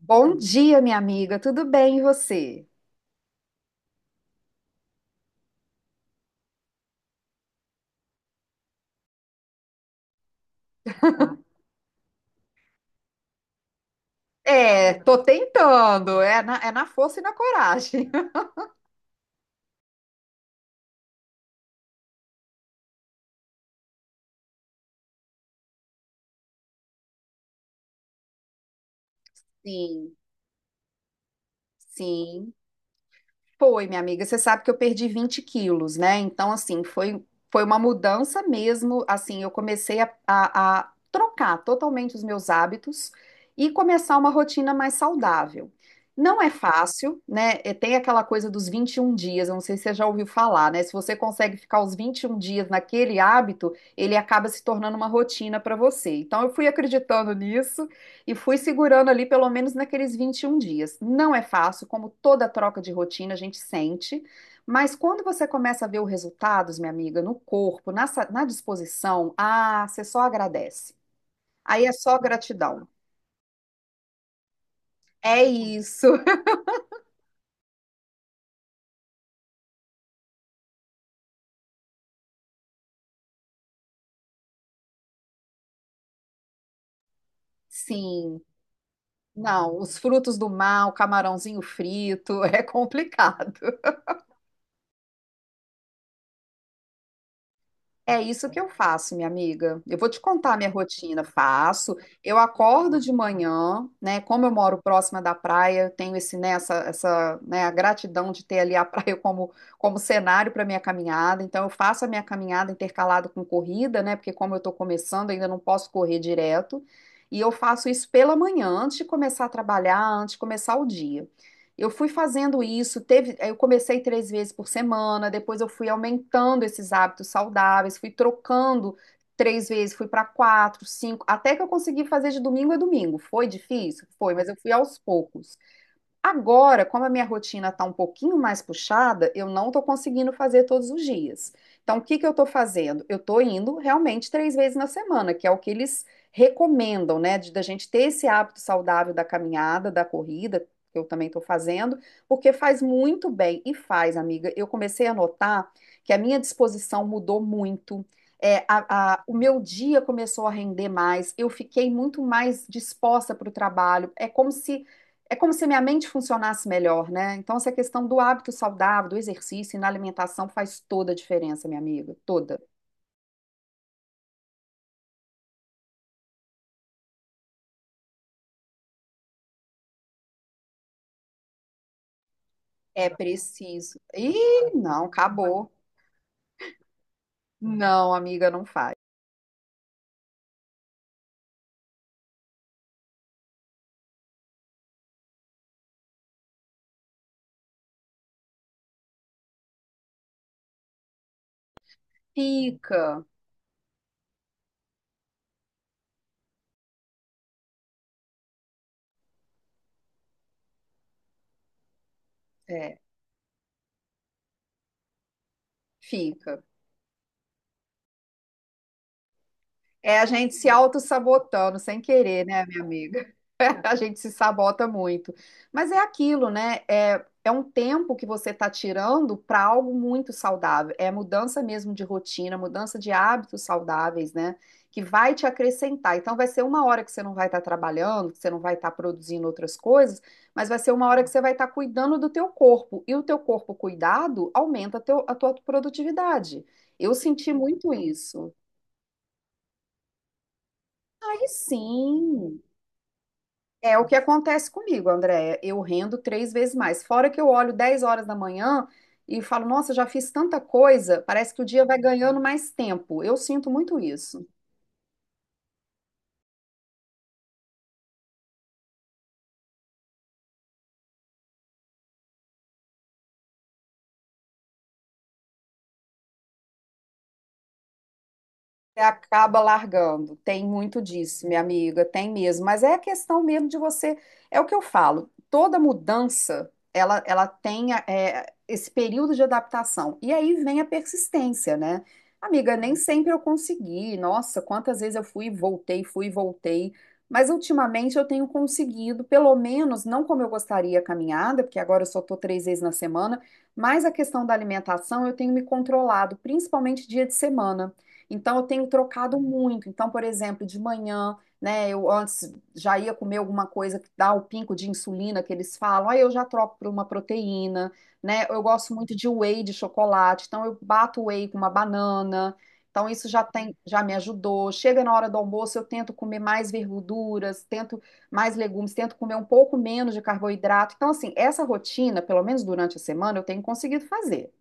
Bom dia, minha amiga. Tudo bem, e você? É, tô tentando. É na força e na coragem. Sim, sim. Foi, minha amiga. Você sabe que eu perdi 20 quilos, né? Então, assim, foi uma mudança mesmo. Assim, eu comecei a trocar totalmente os meus hábitos e começar uma rotina mais saudável. Não é fácil, né? E tem aquela coisa dos 21 dias, eu não sei se você já ouviu falar, né? Se você consegue ficar os 21 dias naquele hábito, ele acaba se tornando uma rotina para você. Então, eu fui acreditando nisso e fui segurando ali pelo menos naqueles 21 dias. Não é fácil, como toda troca de rotina a gente sente, mas quando você começa a ver os resultados, minha amiga, no corpo, na disposição, ah, você só agradece. Aí é só gratidão. É isso. Sim. Não, os frutos do mar, o camarãozinho frito, é complicado. É isso que eu faço, minha amiga. Eu vou te contar a minha rotina. Faço. Eu acordo de manhã, né? Como eu moro próxima da praia, eu tenho esse, né, né, a gratidão de ter ali a praia como, como cenário para minha caminhada. Então, eu faço a minha caminhada intercalada com corrida, né? Porque como eu estou começando, ainda não posso correr direto. E eu faço isso pela manhã, antes de começar a trabalhar, antes de começar o dia. Eu fui fazendo isso, teve, eu comecei 3 vezes por semana, depois eu fui aumentando esses hábitos saudáveis, fui trocando 3 vezes, fui para 4, 5, até que eu consegui fazer de domingo a domingo. Foi difícil? Foi, mas eu fui aos poucos. Agora, como a minha rotina está um pouquinho mais puxada, eu não estou conseguindo fazer todos os dias. Então, o que que eu estou fazendo? Eu estou indo realmente 3 vezes na semana, que é o que eles recomendam, né? De, da gente ter esse hábito saudável da caminhada, da corrida, que eu também estou fazendo, porque faz muito bem e faz, amiga. Eu comecei a notar que a minha disposição mudou muito. É, o meu dia começou a render mais, eu fiquei muito mais disposta para o trabalho. É como se minha mente funcionasse melhor, né? Então, essa questão do hábito saudável, do exercício e na alimentação faz toda a diferença, minha amiga. Toda. É preciso. Ih, não, acabou. Não, amiga, não faz. Fica, é, fica. É a gente se autossabotando sem querer, né, minha amiga? A gente se sabota muito. Mas é aquilo, né? É, é um tempo que você está tirando para algo muito saudável. É mudança mesmo de rotina, mudança de hábitos saudáveis, né? Que vai te acrescentar. Então, vai ser uma hora que você não vai estar trabalhando, que você não vai estar produzindo outras coisas, mas vai ser uma hora que você vai estar cuidando do teu corpo. E o teu corpo cuidado aumenta teu- a tua produtividade. Eu senti muito isso. Aí sim. É o que acontece comigo, Andréia. Eu rendo 3 vezes mais. Fora que eu olho 10 horas da manhã e falo, nossa, já fiz tanta coisa, parece que o dia vai ganhando mais tempo. Eu sinto muito isso. Você acaba largando. Tem muito disso, minha amiga, tem mesmo. Mas é a questão mesmo de você. É o que eu falo. Toda mudança, ela tem é, esse período de adaptação. E aí vem a persistência, né? Amiga, nem sempre eu consegui. Nossa, quantas vezes eu fui e voltei, fui e voltei. Mas ultimamente eu tenho conseguido, pelo menos, não como eu gostaria a caminhada, porque agora eu só estou 3 vezes na semana, mas a questão da alimentação eu tenho me controlado, principalmente dia de semana. Então, eu tenho trocado muito. Então, por exemplo, de manhã, né, eu antes já ia comer alguma coisa que dá o pinco de insulina que eles falam, aí eu já troco por uma proteína, né? Eu gosto muito de whey de chocolate, então eu bato o whey com uma banana. Então, isso já tem, já me ajudou. Chega na hora do almoço, eu tento comer mais verduras, tento mais legumes, tento comer um pouco menos de carboidrato. Então, assim, essa rotina, pelo menos durante a semana, eu tenho conseguido fazer.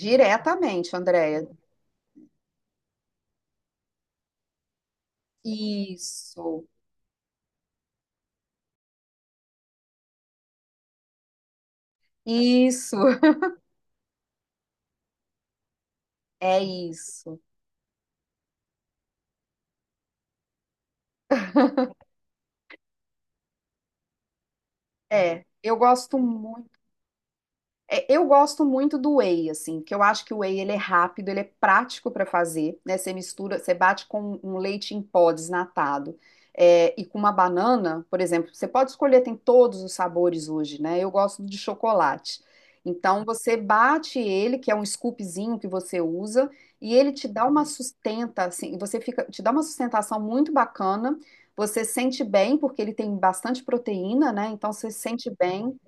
Diretamente, Andréia. Isso. Isso, é isso. É, eu gosto muito. É, eu gosto muito do whey, assim, porque eu acho que o whey ele é rápido, ele é prático para fazer, né? Você mistura, você bate com um leite em pó desnatado, é, e com uma banana, por exemplo, você pode escolher, tem todos os sabores hoje, né? Eu gosto de chocolate. Então você bate ele, que é um scoopzinho que você usa, e ele te dá uma sustenta, assim, você fica, te dá uma sustentação muito bacana. Você sente bem, porque ele tem bastante proteína, né? Então você sente bem.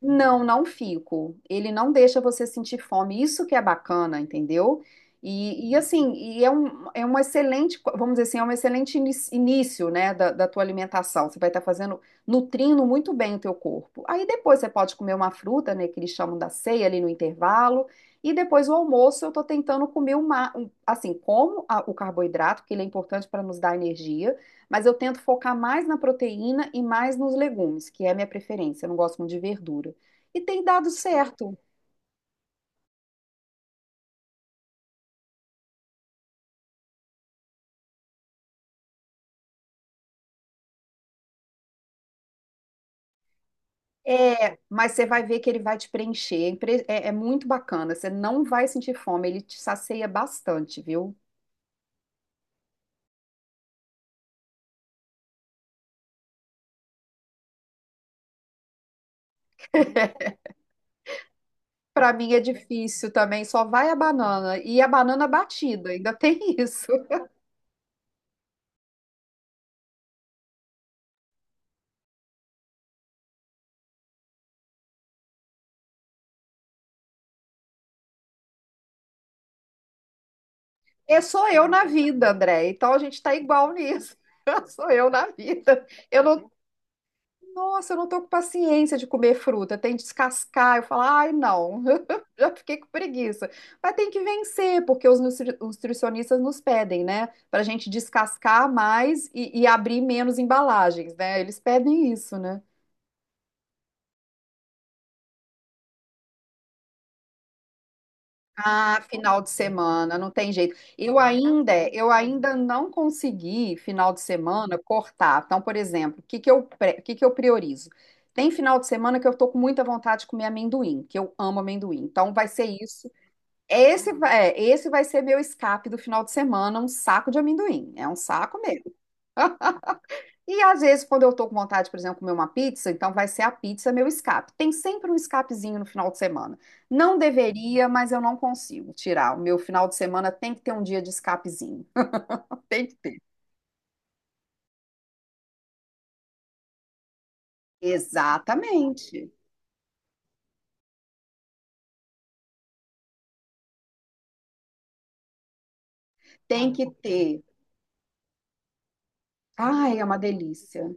Não, não fico. Ele não deixa você sentir fome. Isso que é bacana, entendeu? E assim, e é um excelente, vamos dizer assim, é um excelente início, né, da tua alimentação. Você vai estar fazendo, nutrindo muito bem o teu corpo. Aí depois você pode comer uma fruta, né, que eles chamam da ceia ali no intervalo. E depois o almoço eu tô tentando comer assim, como o carboidrato, que ele é importante para nos dar energia, mas eu tento focar mais na proteína e mais nos legumes, que é a minha preferência. Eu não gosto muito de verdura. E tem dado certo. É, mas você vai ver que ele vai te preencher. É, é muito bacana. Você não vai sentir fome. Ele te sacia bastante, viu? Pra mim é difícil também. Só vai a banana. E a banana batida. Ainda tem isso. É, sou eu na vida, André. Então a gente tá igual nisso. Sou eu na vida. Eu não. Nossa, eu não tô com paciência de comer fruta, tem que descascar. Eu falo, ai, não, já fiquei com preguiça. Mas tem que vencer, porque os os nutricionistas nos pedem, né? Pra gente descascar mais e abrir menos embalagens, né? Eles pedem isso, né? Ah, final de semana, não tem jeito. Eu ainda não consegui final de semana cortar. Então, por exemplo, o que que eu, o que que eu priorizo? Tem final de semana que eu tô com muita vontade de comer amendoim, que eu amo amendoim. Então vai ser isso. Esse vai ser meu escape do final de semana, um saco de amendoim. É um saco mesmo. E às vezes, quando eu tô com vontade, por exemplo, de comer uma pizza, então vai ser a pizza meu escape. Tem sempre um escapezinho no final de semana. Não deveria, mas eu não consigo tirar. O meu final de semana tem que ter um dia de escapezinho. Tem que ter. Exatamente. Tem que ter. Ai, é uma delícia.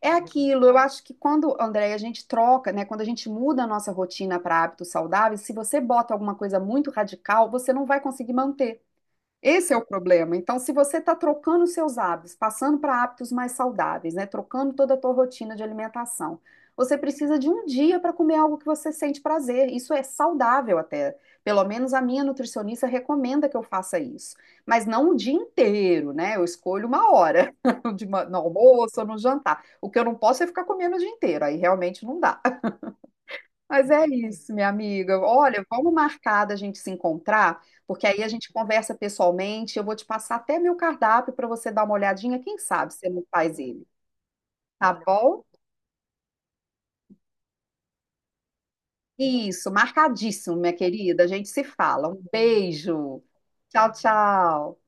É aquilo, eu acho que quando, André, a gente troca, né, quando a gente muda a nossa rotina para hábitos saudáveis, se você bota alguma coisa muito radical, você não vai conseguir manter. Esse é o problema. Então, se você está trocando seus hábitos, passando para hábitos mais saudáveis, né, trocando toda a tua rotina de alimentação, você precisa de um dia para comer algo que você sente prazer. Isso é saudável até. Pelo menos a minha nutricionista recomenda que eu faça isso. Mas não o dia inteiro, né? Eu escolho uma hora, no almoço ou no jantar. O que eu não posso é ficar comendo o dia inteiro. Aí realmente não dá. Mas é isso, minha amiga. Olha, vamos marcar da gente se encontrar, porque aí a gente conversa pessoalmente. Eu vou te passar até meu cardápio para você dar uma olhadinha. Quem sabe você não faz ele, tá bom? Isso, marcadíssimo, minha querida. A gente se fala. Um beijo. Tchau, tchau.